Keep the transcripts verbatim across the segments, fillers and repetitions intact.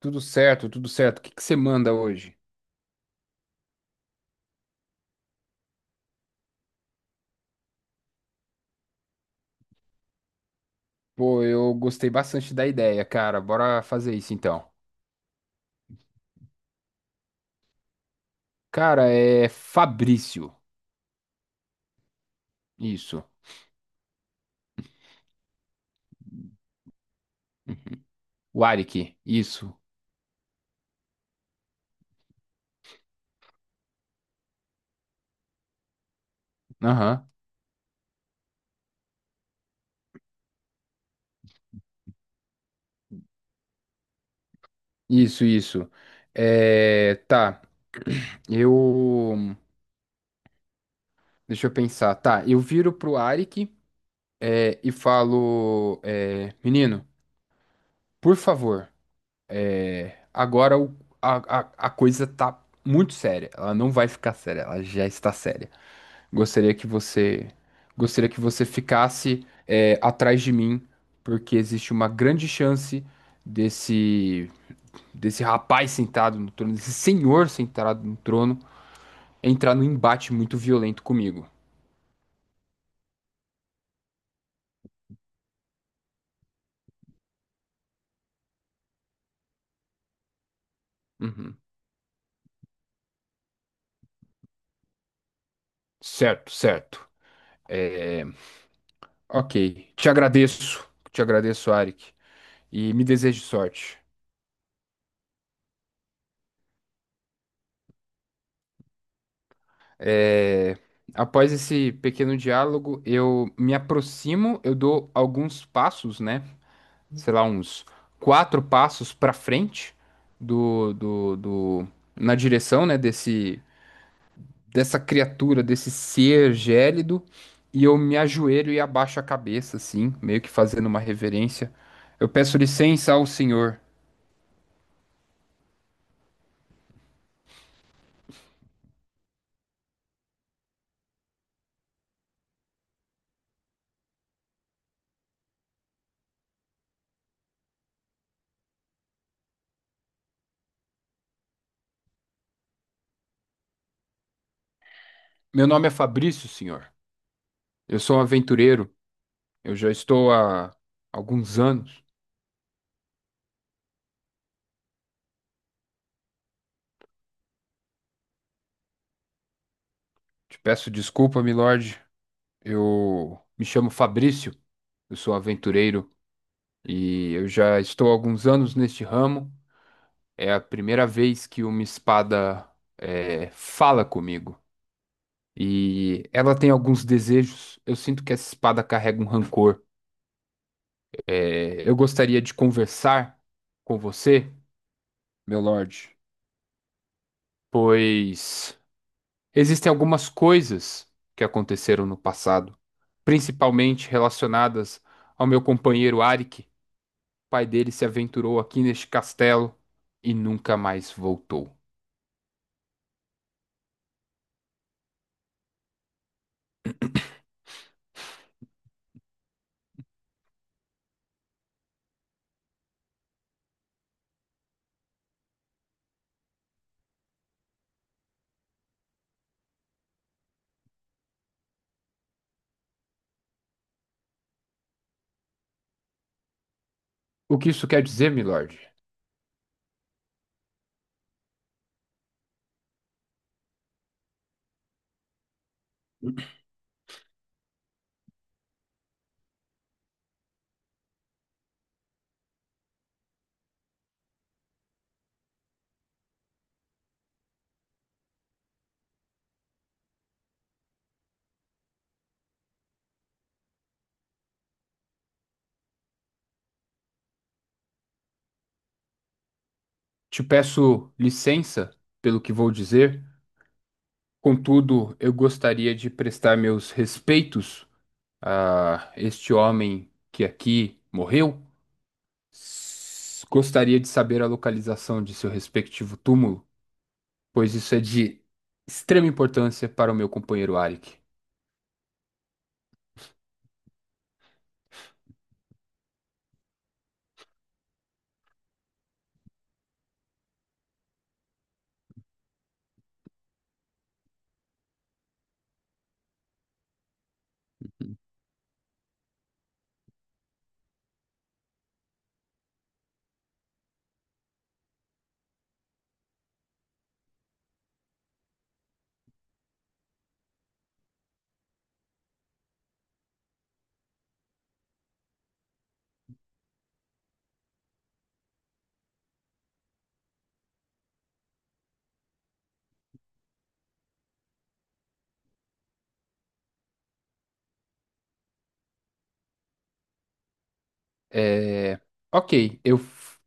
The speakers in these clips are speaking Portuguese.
Tudo certo, tudo certo. O que que você manda hoje? Pô, eu gostei bastante da ideia, cara. Bora fazer isso então. Cara, é Fabrício. Isso. O Arik. Isso. Aham. Isso, isso. É. Tá. Eu. Deixa eu pensar. Tá, eu viro pro Arik é, e falo: é, Menino, por favor, agora o- a, a a coisa tá muito séria. Ela não vai ficar séria, ela já está séria. Gostaria que você, gostaria que você ficasse é, atrás de mim, porque existe uma grande chance desse desse rapaz sentado no trono, desse senhor sentado no trono, entrar num embate muito violento comigo. Uhum. Certo, certo. É, ok. Te agradeço, te agradeço, Arik, e me desejo sorte. É, após esse pequeno diálogo, eu me aproximo, eu dou alguns passos, né? Sei lá, uns quatro passos para frente do, do, do, na direção, né, desse, dessa criatura, desse ser gélido, e eu me ajoelho e abaixo a cabeça, assim, meio que fazendo uma reverência. Eu peço licença ao senhor. Meu nome é Fabrício, senhor. Eu sou um aventureiro. Eu já estou há alguns anos. Te peço desculpa, milord. Eu me chamo Fabrício. Eu sou aventureiro e eu já estou há alguns anos neste ramo. É a primeira vez que uma espada é, fala comigo. E ela tem alguns desejos. Eu sinto que essa espada carrega um rancor. É, eu gostaria de conversar com você, meu Lorde, pois existem algumas coisas que aconteceram no passado, principalmente relacionadas ao meu companheiro Arik. O pai dele se aventurou aqui neste castelo e nunca mais voltou. O que isso quer dizer, meu Lorde? Te peço licença pelo que vou dizer, contudo, eu gostaria de prestar meus respeitos a este homem que aqui morreu. S- Gostaria de saber a localização de seu respectivo túmulo, pois isso é de extrema importância para o meu companheiro Arik. É... Ok, eu, f-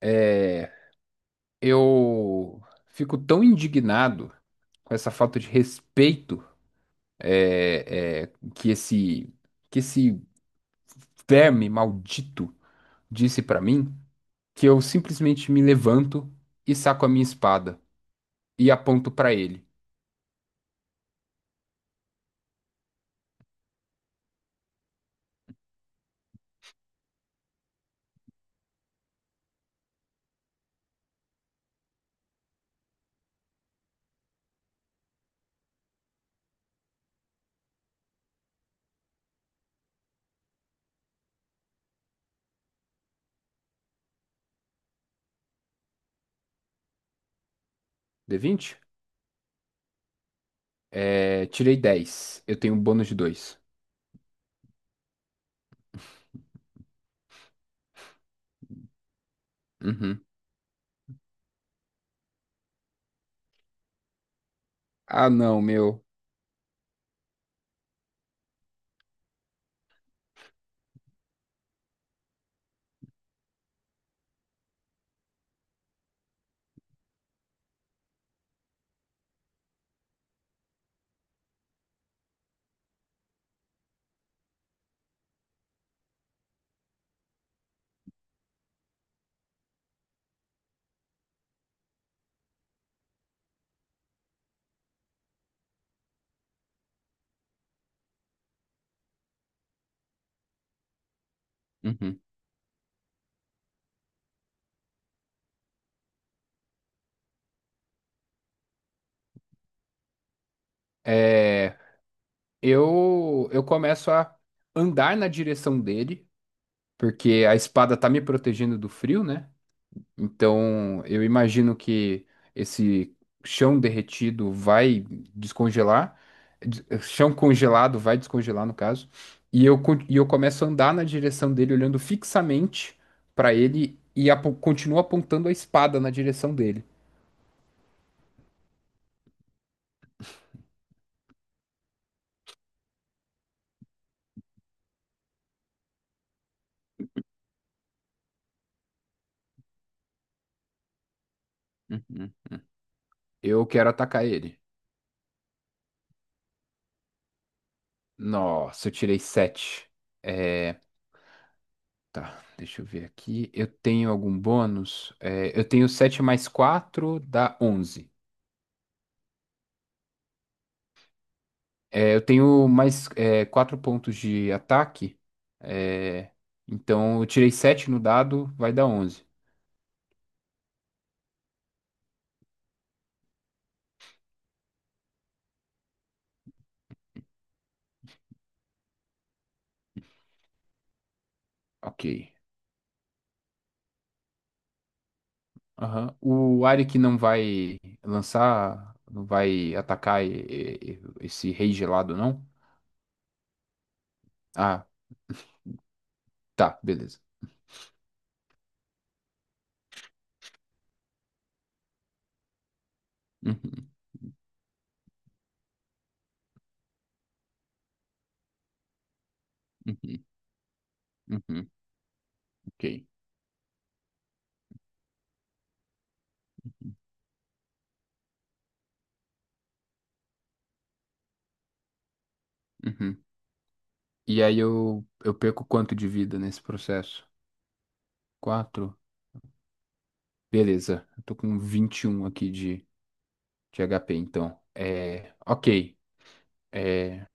é, eu fico tão indignado com essa falta de respeito é, é, que esse que esse verme maldito disse para mim que eu simplesmente me levanto e saco a minha espada e aponto para ele. d vinte? É, tirei dez. Eu tenho um bônus de dois. Uhum. Ah, não, meu. Uhum. É, eu, eu começo a andar na direção dele, porque a espada tá me protegendo do frio, né? Então, eu imagino que esse chão derretido vai descongelar, des- eh, chão congelado vai descongelar, no caso, e eu, con- e eu começo a andar na direção dele, olhando fixamente para ele e apo- continuo apontando a espada na direção dele. Uhum. Eu quero atacar ele. Nossa, eu tirei sete. É, tá, deixa eu ver aqui. Eu tenho algum bônus? É, eu tenho sete mais quatro dá onze. É, eu tenho mais é, quatro pontos de ataque. É, então eu tirei sete no dado, vai dar onze. Ok. Aham. O Arik não vai lançar, não vai atacar e- e- e- esse rei gelado, não? Ah, tá, beleza. Uhum, uhum, uhum, ok. Uhum. E aí eu, eu perco quanto de vida nesse processo? Quatro? Beleza. Eu tô com vinte e um aqui de, de H P, então. É, ok. É,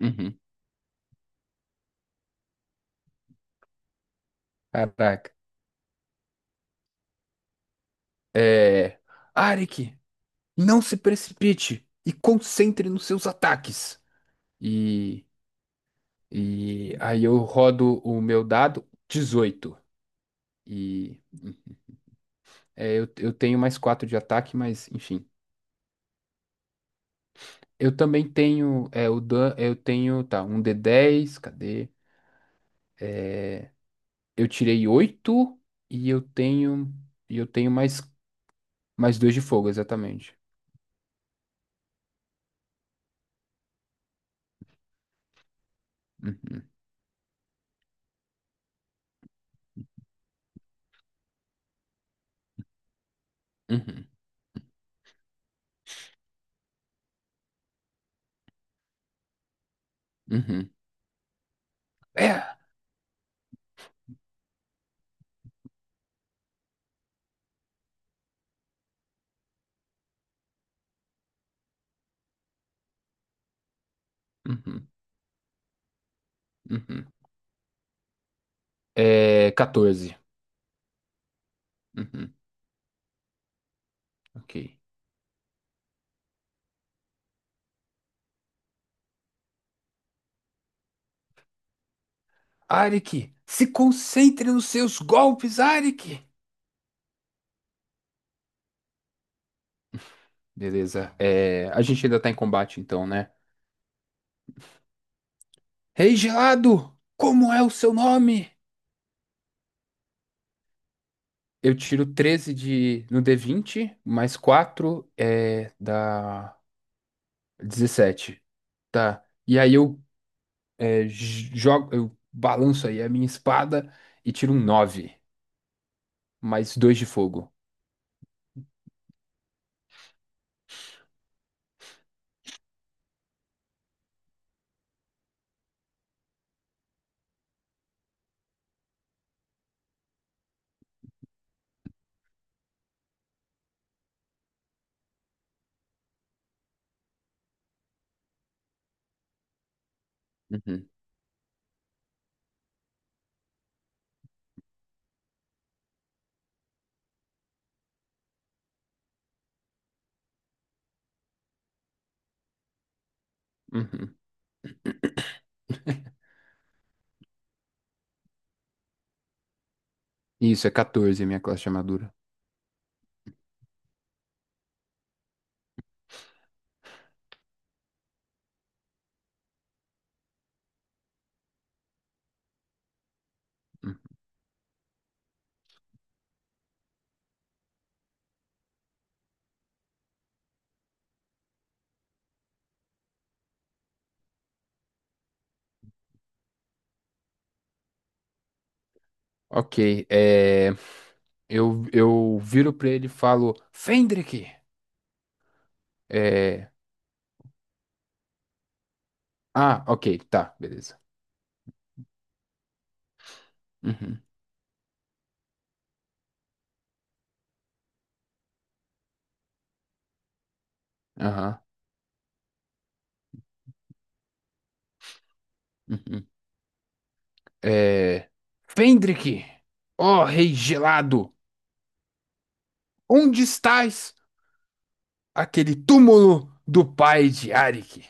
Uhum. Caraca. É. Arik, não se precipite e concentre nos seus ataques. E, e aí eu rodo o meu dado dezoito. E é, eu, eu tenho mais quatro de ataque, mas enfim. Eu também tenho é, o dan eu tenho, tá, um d dez, cadê? Eu tirei oito e eu tenho e eu tenho mais mais dois de fogo, exatamente. Uhum, uhum, uhum. É. Uhum, uhum. É quatorze. Uhum, ok. Arik, se concentre nos seus golpes, Arik! Beleza. É, a gente ainda tá em combate, então, né? Rei Gelado, como é o seu nome? Eu tiro treze de, no d vinte mais quatro é, dá dezessete. Tá. E aí eu é, j- jogo, eu balanço aí a minha espada e tiro um nove mais dois de fogo. Uhum, uhum. Isso, é quatorze a minha classe de armadura. Ok, é, eu, eu viro pra ele e falo, Fendrick! É, ah, ok, tá, beleza. Uhum, aham, uhum. É, Fendrick! Ó rei gelado, onde estás? Aquele túmulo do pai de Arik.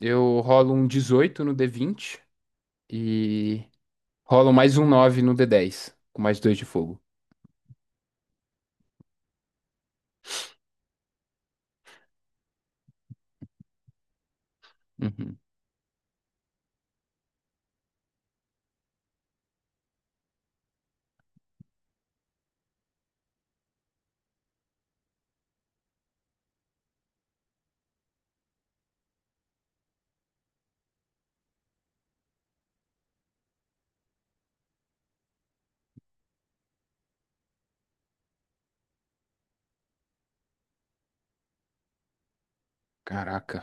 Eu rolo um dezoito no d vinte e rolo mais um nove no d dez com mais dois de fogo. Uhum. Caraca.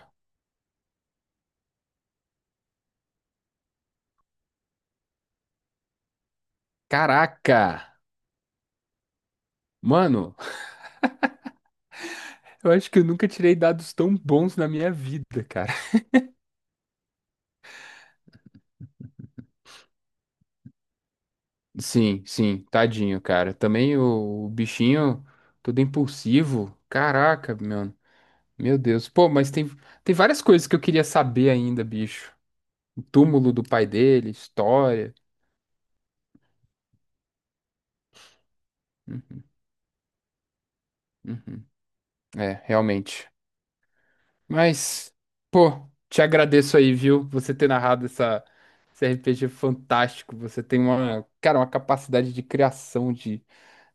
Caraca! Mano, eu acho que eu nunca tirei dados tão bons na minha vida, cara. Sim, sim, tadinho, cara. Também o, o bichinho todo impulsivo. Caraca, meu, meu Deus. Pô, mas tem, tem várias coisas que eu queria saber ainda, bicho. O túmulo do pai dele, história. Hum, uhum. É, realmente. Mas, pô, te agradeço aí, viu? Você ter narrado essa, esse R P G fantástico. Você tem uma, cara, uma capacidade de criação de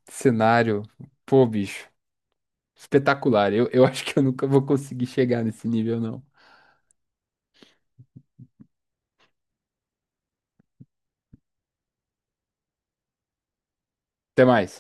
cenário. Pô, bicho. Espetacular. Eu, eu acho que eu nunca vou conseguir chegar nesse nível, não. Até mais.